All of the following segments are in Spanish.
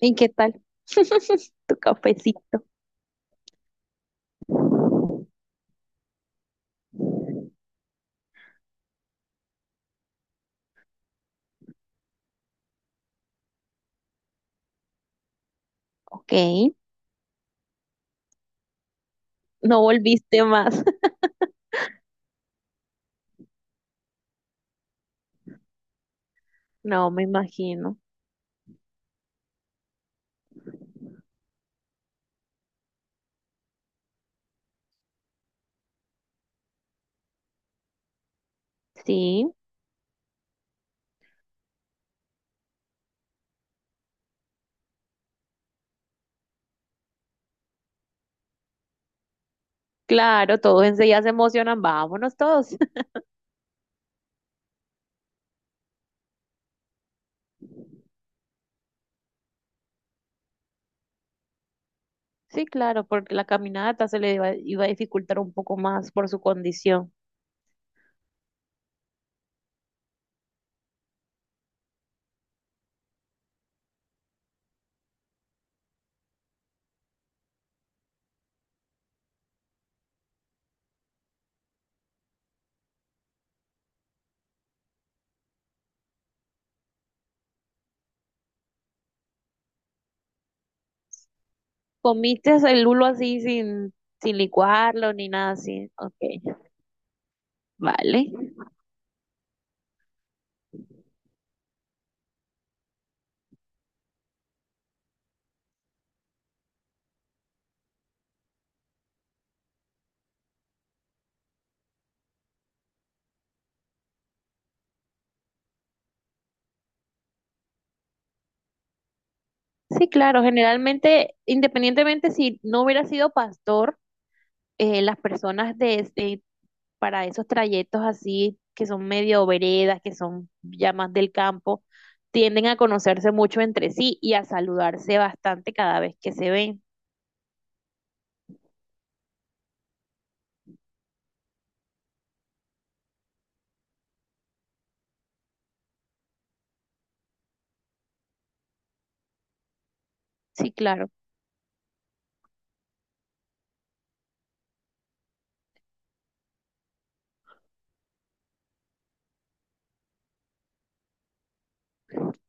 ¿Y qué tal? Tu cafecito. Ok. No volviste más. No, me imagino. Sí, claro, todos enseguida se emocionan. Vámonos todos. Sí, claro, porque la caminata se le iba a dificultar un poco más por su condición. ¿Comiste el lulo así sin licuarlo ni nada así? Ok, vale. Sí, claro, generalmente, independientemente si no hubiera sido pastor. Las personas para esos trayectos así, que son medio veredas, que son ya más del campo, tienden a conocerse mucho entre sí y a saludarse bastante cada vez que se ven. Sí, claro,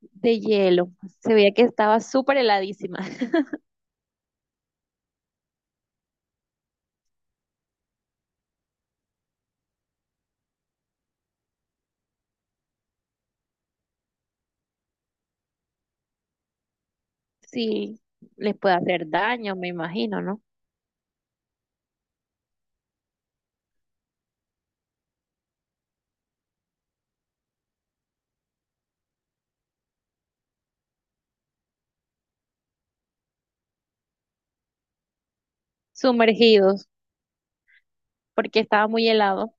de hielo. Se veía que estaba súper heladísima. Sí, les puede hacer daño, me imagino, ¿no? Sumergidos, porque estaba muy helado.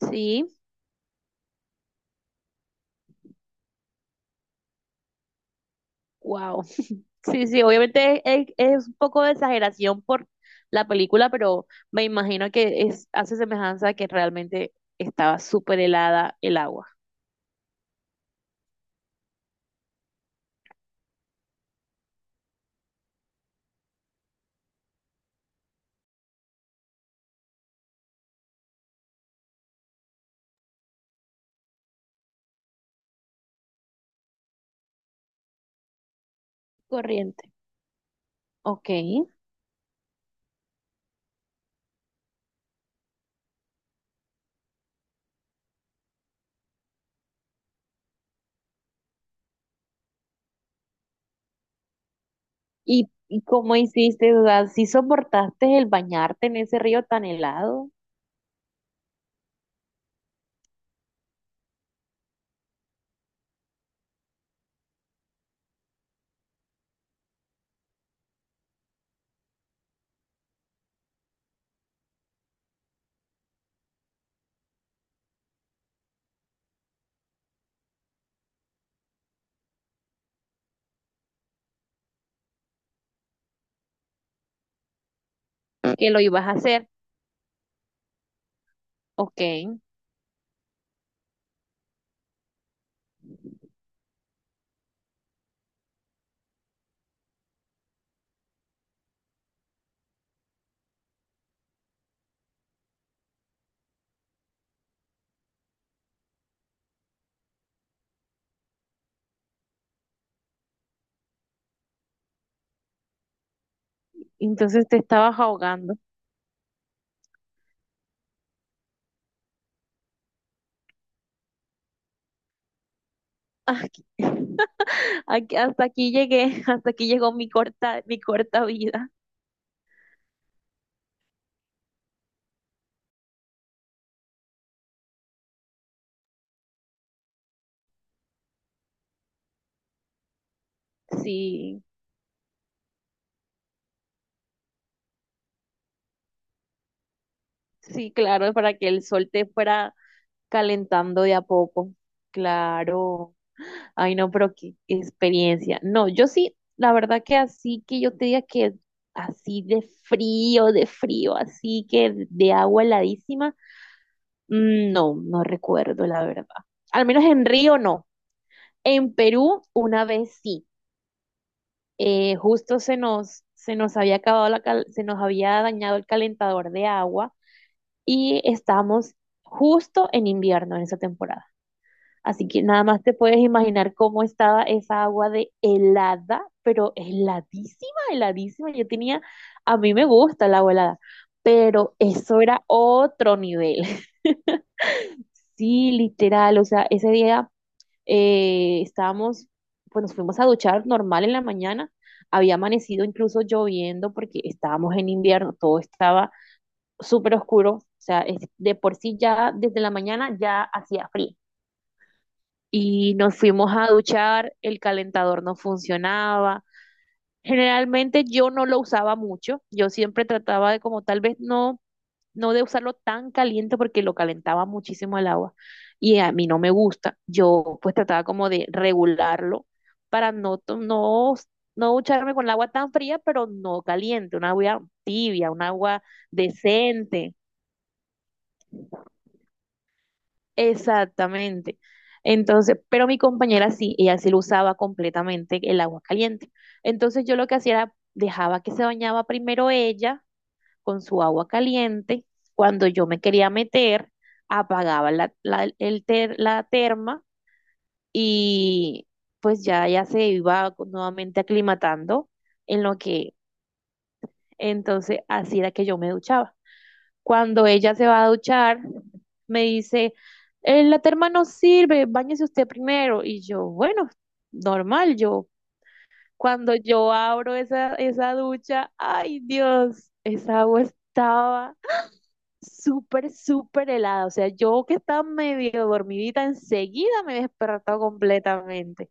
Sí, wow. Sí, sí, obviamente es un poco de exageración por la película, pero me imagino que es, hace semejanza a que realmente estaba súper helada el agua. Corriente. Ok. ¿Y cómo hiciste? O sea, ¿sí soportaste el bañarte en ese río tan helado que lo ibas a hacer? Ok. Entonces te estabas ahogando. Aquí, hasta aquí llegué, hasta aquí llegó mi corta vida. Sí, sí, claro, para que el sol te fuera calentando de a poco. Claro. Ay, no, pero qué experiencia. No, yo sí, la verdad que así que yo te diga que así de de frío, así que de agua heladísima, mm, no recuerdo, la verdad. Al menos en Río no. En Perú, una vez sí. Justo se nos había acabado la se nos había dañado el calentador de agua y estamos justo en invierno en esa temporada. Así que nada más te puedes imaginar cómo estaba esa agua de helada, pero heladísima, heladísima. Yo tenía, a mí me gusta el agua helada, pero eso era otro nivel. Sí, literal, o sea, ese día estábamos, pues nos fuimos a duchar normal en la mañana. Había amanecido incluso lloviendo porque estábamos en invierno, todo estaba súper oscuro. O sea, de por sí ya desde la mañana ya hacía frío. Y nos fuimos a duchar, el calentador no funcionaba. Generalmente yo no lo usaba mucho, yo siempre trataba de como tal vez no de usarlo tan caliente porque lo calentaba muchísimo el agua y a mí no me gusta. Yo pues trataba como de regularlo para no ducharme con el agua tan fría, pero no caliente, una agua tibia, un agua decente. Exactamente. Entonces, pero mi compañera sí, ella sí lo usaba completamente el agua caliente. Entonces yo lo que hacía era dejaba que se bañaba primero ella con su agua caliente. Cuando yo me quería meter, apagaba la terma y pues ya, ya se iba nuevamente aclimatando en lo que entonces así era que yo me duchaba. Cuando ella se va a duchar, me dice, la terma no sirve, báñese usted primero". Y yo, bueno, normal, yo. Cuando yo abro esa ducha, ay Dios, esa agua estaba súper helada. O sea, yo que estaba medio dormidita, enseguida me despertó completamente.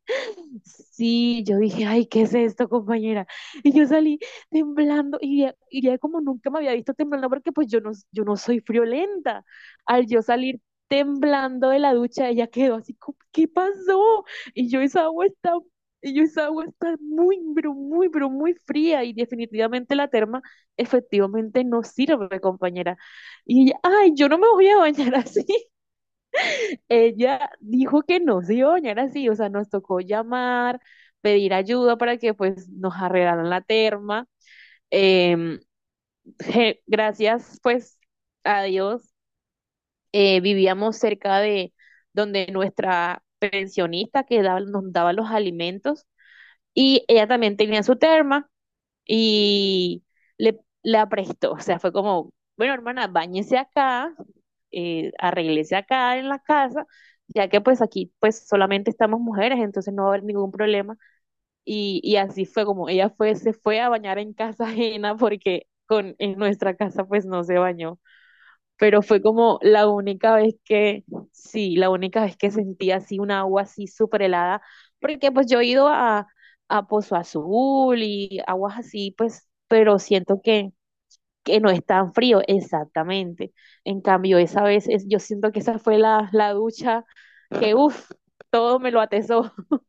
Sí, yo dije, ay, ¿qué es esto, compañera? Y yo salí temblando, y ya como nunca me había visto temblando, porque pues yo no soy friolenta. Al yo salir temblando de la ducha, ella quedó así, como, ¿qué pasó? Y yo, esa agua está, y yo, esa agua está muy, pero muy, pero muy fría, y definitivamente la terma efectivamente no sirve, compañera. Y ella, ay, yo no me voy a bañar así. Ella dijo que no se iba a bañar así, o sea, nos tocó llamar, pedir ayuda para que pues nos arreglaran la terma. Em, gracias pues a Dios, vivíamos cerca de donde nuestra pensionista que nos daba los alimentos y ella también tenía su terma. Y la prestó, o sea, fue como, bueno, hermana, báñese acá, arréglese acá en la casa, ya que pues aquí pues solamente estamos mujeres, entonces no va a haber ningún problema. Y así fue como se fue a bañar en casa ajena porque en nuestra casa pues no se bañó, pero fue como la única vez que, sí, la única vez que sentí así un agua así súper helada, porque pues yo he ido a Pozo Azul y aguas así, pues, pero siento que no es tan frío, exactamente. En cambio, esa vez, es, yo siento que esa fue la ducha que, uff, todo me lo atesó.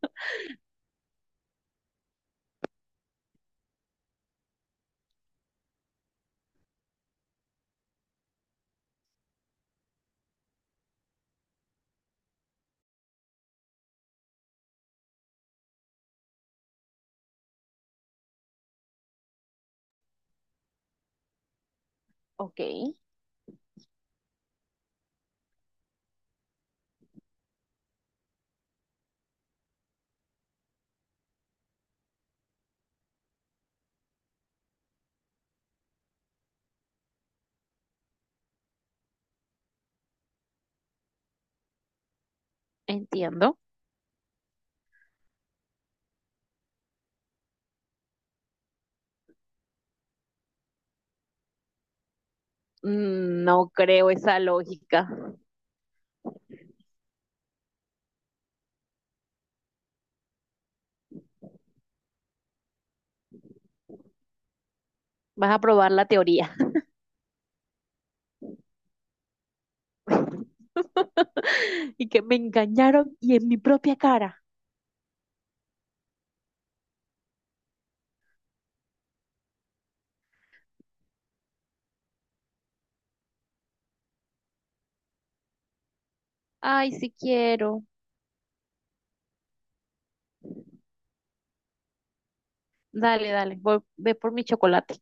Ok, entiendo. Mm, no creo esa lógica. Vas a probar la teoría. Y que me engañaron y en mi propia cara. Ay, sí quiero. Dale, dale. Voy, ve por mi chocolate.